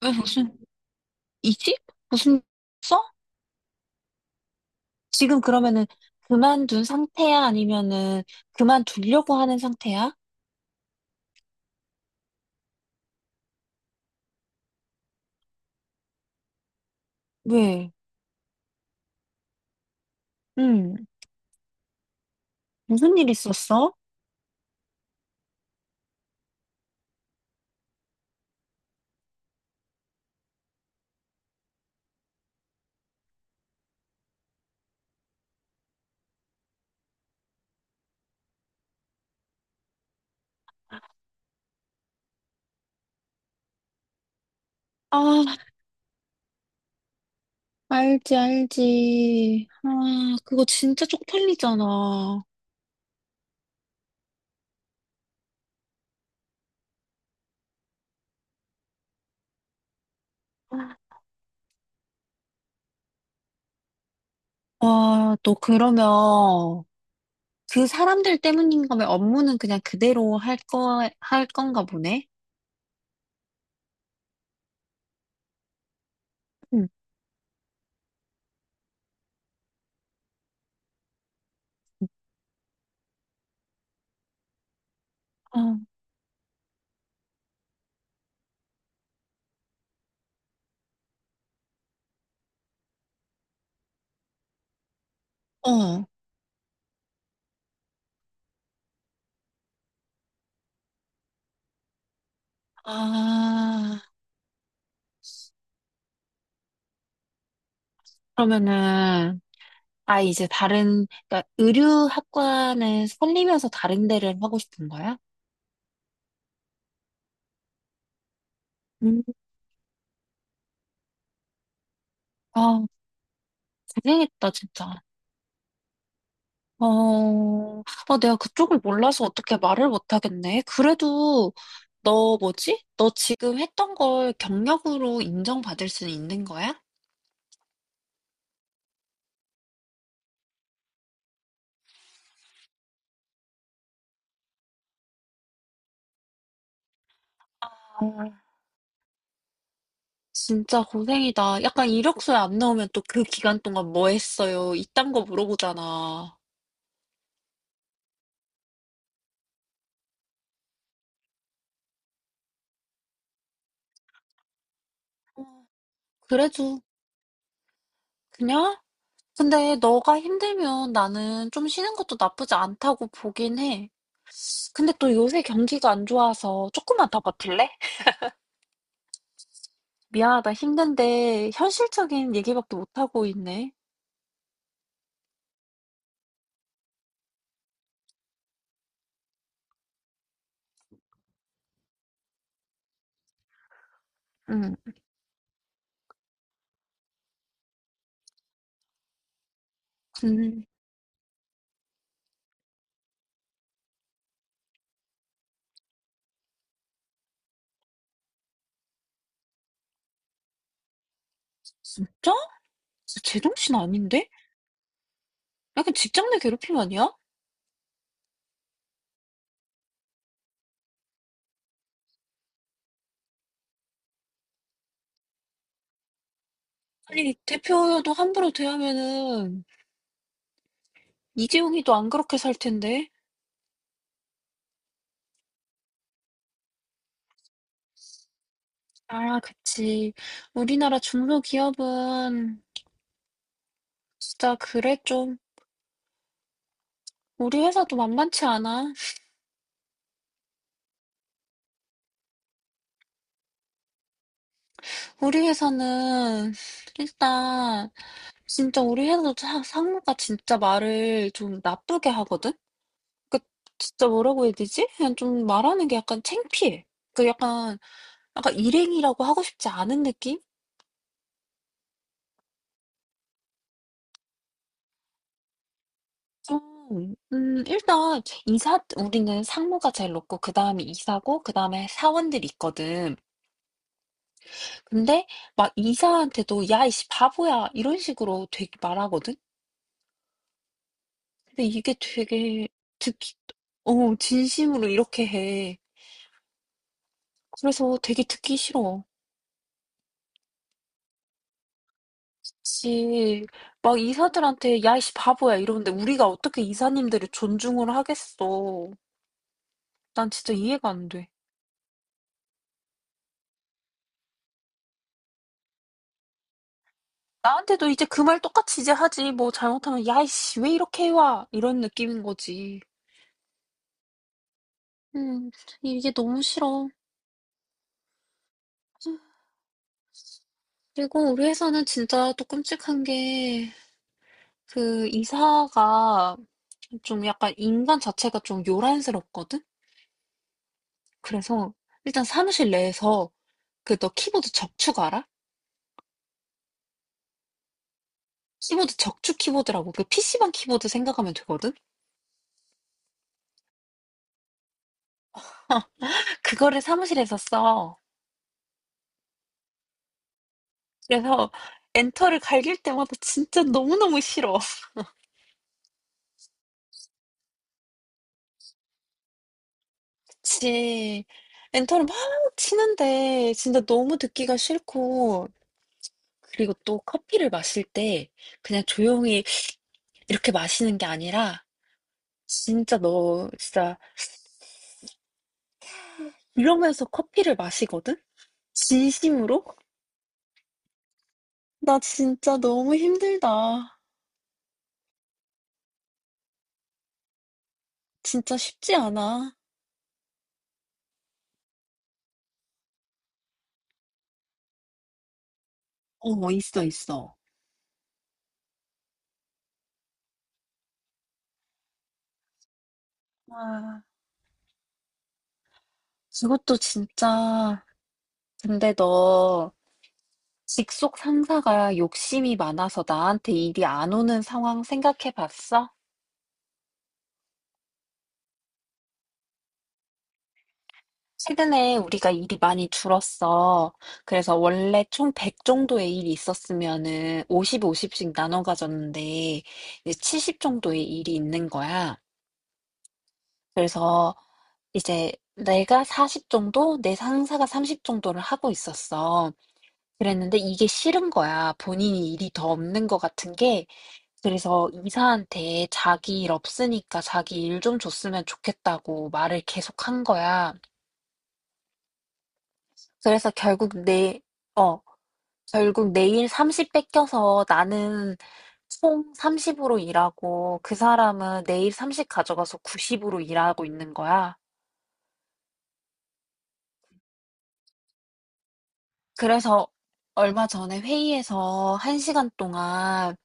왜 무슨 이직? 무슨 써? 지금 그러면은 그만둔 상태야? 아니면은 그만두려고 하는 상태야? 왜? 응, 무슨 일 있었어? 아, 알지, 알지. 아, 그거 진짜 쪽팔리잖아. 와, 너 그러면 그 사람들 때문인가 왜 업무는 그냥 그대로 할 건가 보네? 응. 어, 어. 아, 그러면은 아, 이제 다른, 그러니까 의류학과는 살리면서 다른 데를 하고 싶은 거야? 음. 아, 고생했다, 진짜. 어, 아, 내가 그쪽을 몰라서 어떻게 말을 못 하겠네. 그래도, 너 뭐지? 너 지금 했던 걸 경력으로 인정받을 수 있는 거야? 아, 진짜 고생이다. 약간 이력서에 안 나오면 또 그 기간 동안 뭐 했어요? 이딴 거 물어보잖아. 그래도, 그냥? 근데 너가 힘들면 나는 좀 쉬는 것도 나쁘지 않다고 보긴 해. 근데 또 요새 경기가 안 좋아서 조금만 더 버틸래? 미안하다. 힘든데 현실적인 얘기밖에 못하고 있네. 응. 음, 진짜? 제정신 아닌데? 약간 직장 내 괴롭힘 아니야? 아니, 대표도 함부로 대하면은 이재용이도 안 그렇게 살 텐데. 아, 그치. 우리나라 중소기업은 진짜 그래 좀. 우리 회사도 만만치 않아. 우리 회사는 일단 진짜 우리 회사도 상무가 진짜 말을 좀 나쁘게 하거든? 그 진짜 뭐라고 해야 되지? 그냥 좀 말하는 게 약간 창피해. 그 약간 약간 일행이라고 하고 싶지 않은 느낌? 좀, 일단, 이사, 우리는 상무가 제일 높고, 그 다음에 이사고, 그 다음에 사원들이 있거든. 근데, 막 이사한테도, 야, 이씨, 바보야. 이런 식으로 되게 말하거든? 근데 이게 되게 듣기, 진심으로 이렇게 해. 그래서 되게 듣기 싫어. 씨, 막 이사들한테, 야, 이씨, 바보야, 이러는데 우리가 어떻게 이사님들을 존중을 하겠어. 난 진짜 이해가 안 돼. 나한테도 이제 그 말 똑같이 이제 하지. 뭐 잘못하면, 야, 이씨, 왜 이렇게 해와? 이런 느낌인 거지. 음, 이게 너무 싫어. 그리고 우리 회사는 진짜 또 끔찍한 게, 그 이사가 좀 약간 인간 자체가 좀 요란스럽거든? 그래서 일단 사무실 내에서 그 너 키보드 적축 알아? 키보드 적축 키보드라고 그 PC방 키보드 생각하면 되거든? 그거를 사무실에서 써. 그래서 엔터를 갈길 때마다 진짜 너무너무 싫어. 그치. 엔터를 막 치는데 진짜 너무 듣기가 싫고. 그리고 또 커피를 마실 때 그냥 조용히 이렇게 마시는 게 아니라 진짜 너 진짜 이러면서 커피를 마시거든? 진심으로? 나 진짜 너무 힘들다. 진짜 쉽지 않아. 어, 있어, 있어. 와, 그것도 진짜. 근데 너 직속 상사가 욕심이 많아서 나한테 일이 안 오는 상황 생각해 봤어? 최근에 우리가 일이 많이 줄었어. 그래서 원래 총 100 정도의 일이 있었으면은 50, 50씩 나눠 가졌는데 이제 70 정도의 일이 있는 거야. 그래서 이제 내가 40 정도, 내 상사가 30 정도를 하고 있었어. 그랬는데 이게 싫은 거야. 본인이 일이 더 없는 것 같은 게. 그래서 이사한테 자기 일 없으니까 자기 일 좀 줬으면 좋겠다고 말을 계속 한 거야. 그래서 결국 어, 결국 내일 30 뺏겨서 나는 총 30으로 일하고 그 사람은 내일 30 가져가서 90으로 일하고 있는 거야. 그래서 얼마 전에 회의에서 한시간 동안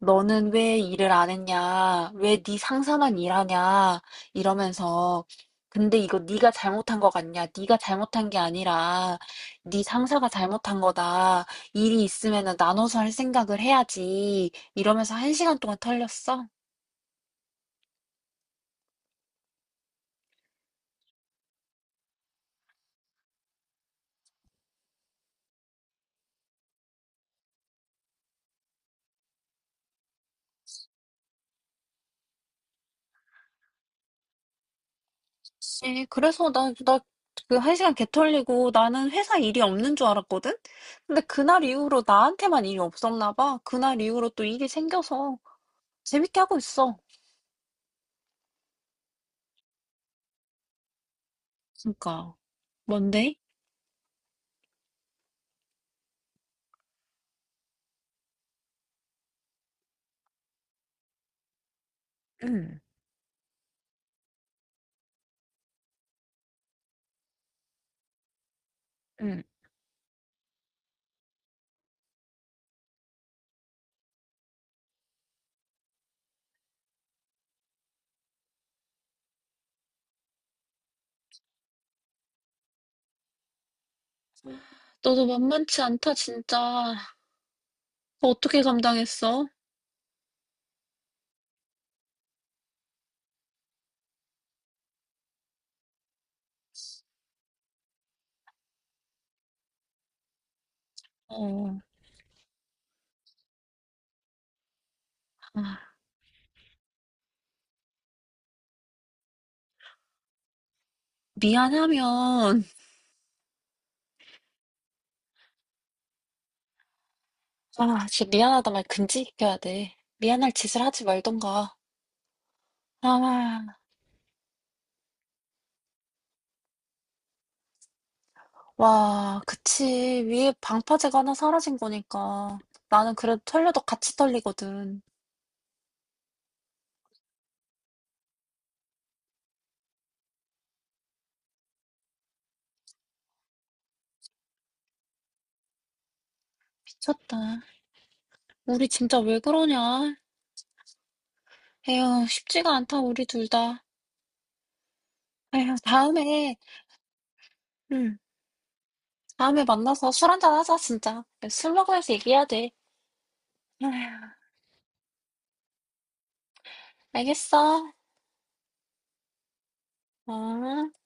너는 왜 일을 안 했냐? 왜 네 상사만 일하냐? 이러면서 근데 이거 네가 잘못한 거 같냐? 네가 잘못한 게 아니라 네 상사가 잘못한 거다. 일이 있으면은 나눠서 할 생각을 해야지. 이러면서 한시간 동안 털렸어. 네, 그래서 나, 그, 한 시간 개 털리고 나는 회사 일이 없는 줄 알았거든? 근데 그날 이후로 나한테만 일이 없었나 봐. 그날 이후로 또 일이 생겨서 재밌게 하고 있어. 그러니까, 뭔데? 응, 응. 너도 만만치 않다, 진짜. 그거 어떻게 감당했어? 어, 아, 미안하면, 아, 진짜 미안하다 말 금지시켜야 돼. 미안할 짓을 하지 말던가. 아, 와, 그치. 위에 방파제가 하나 사라진 거니까. 나는 그래도 털려도 같이 털리거든. 미쳤다. 우리 진짜 왜 그러냐? 에휴, 쉽지가 않다, 우리 둘 다. 에휴, 다음에, 응, 다음에 만나서 술 한잔 하자, 진짜. 술 먹으면서 얘기해야 돼. 에휴, 알겠어. 어.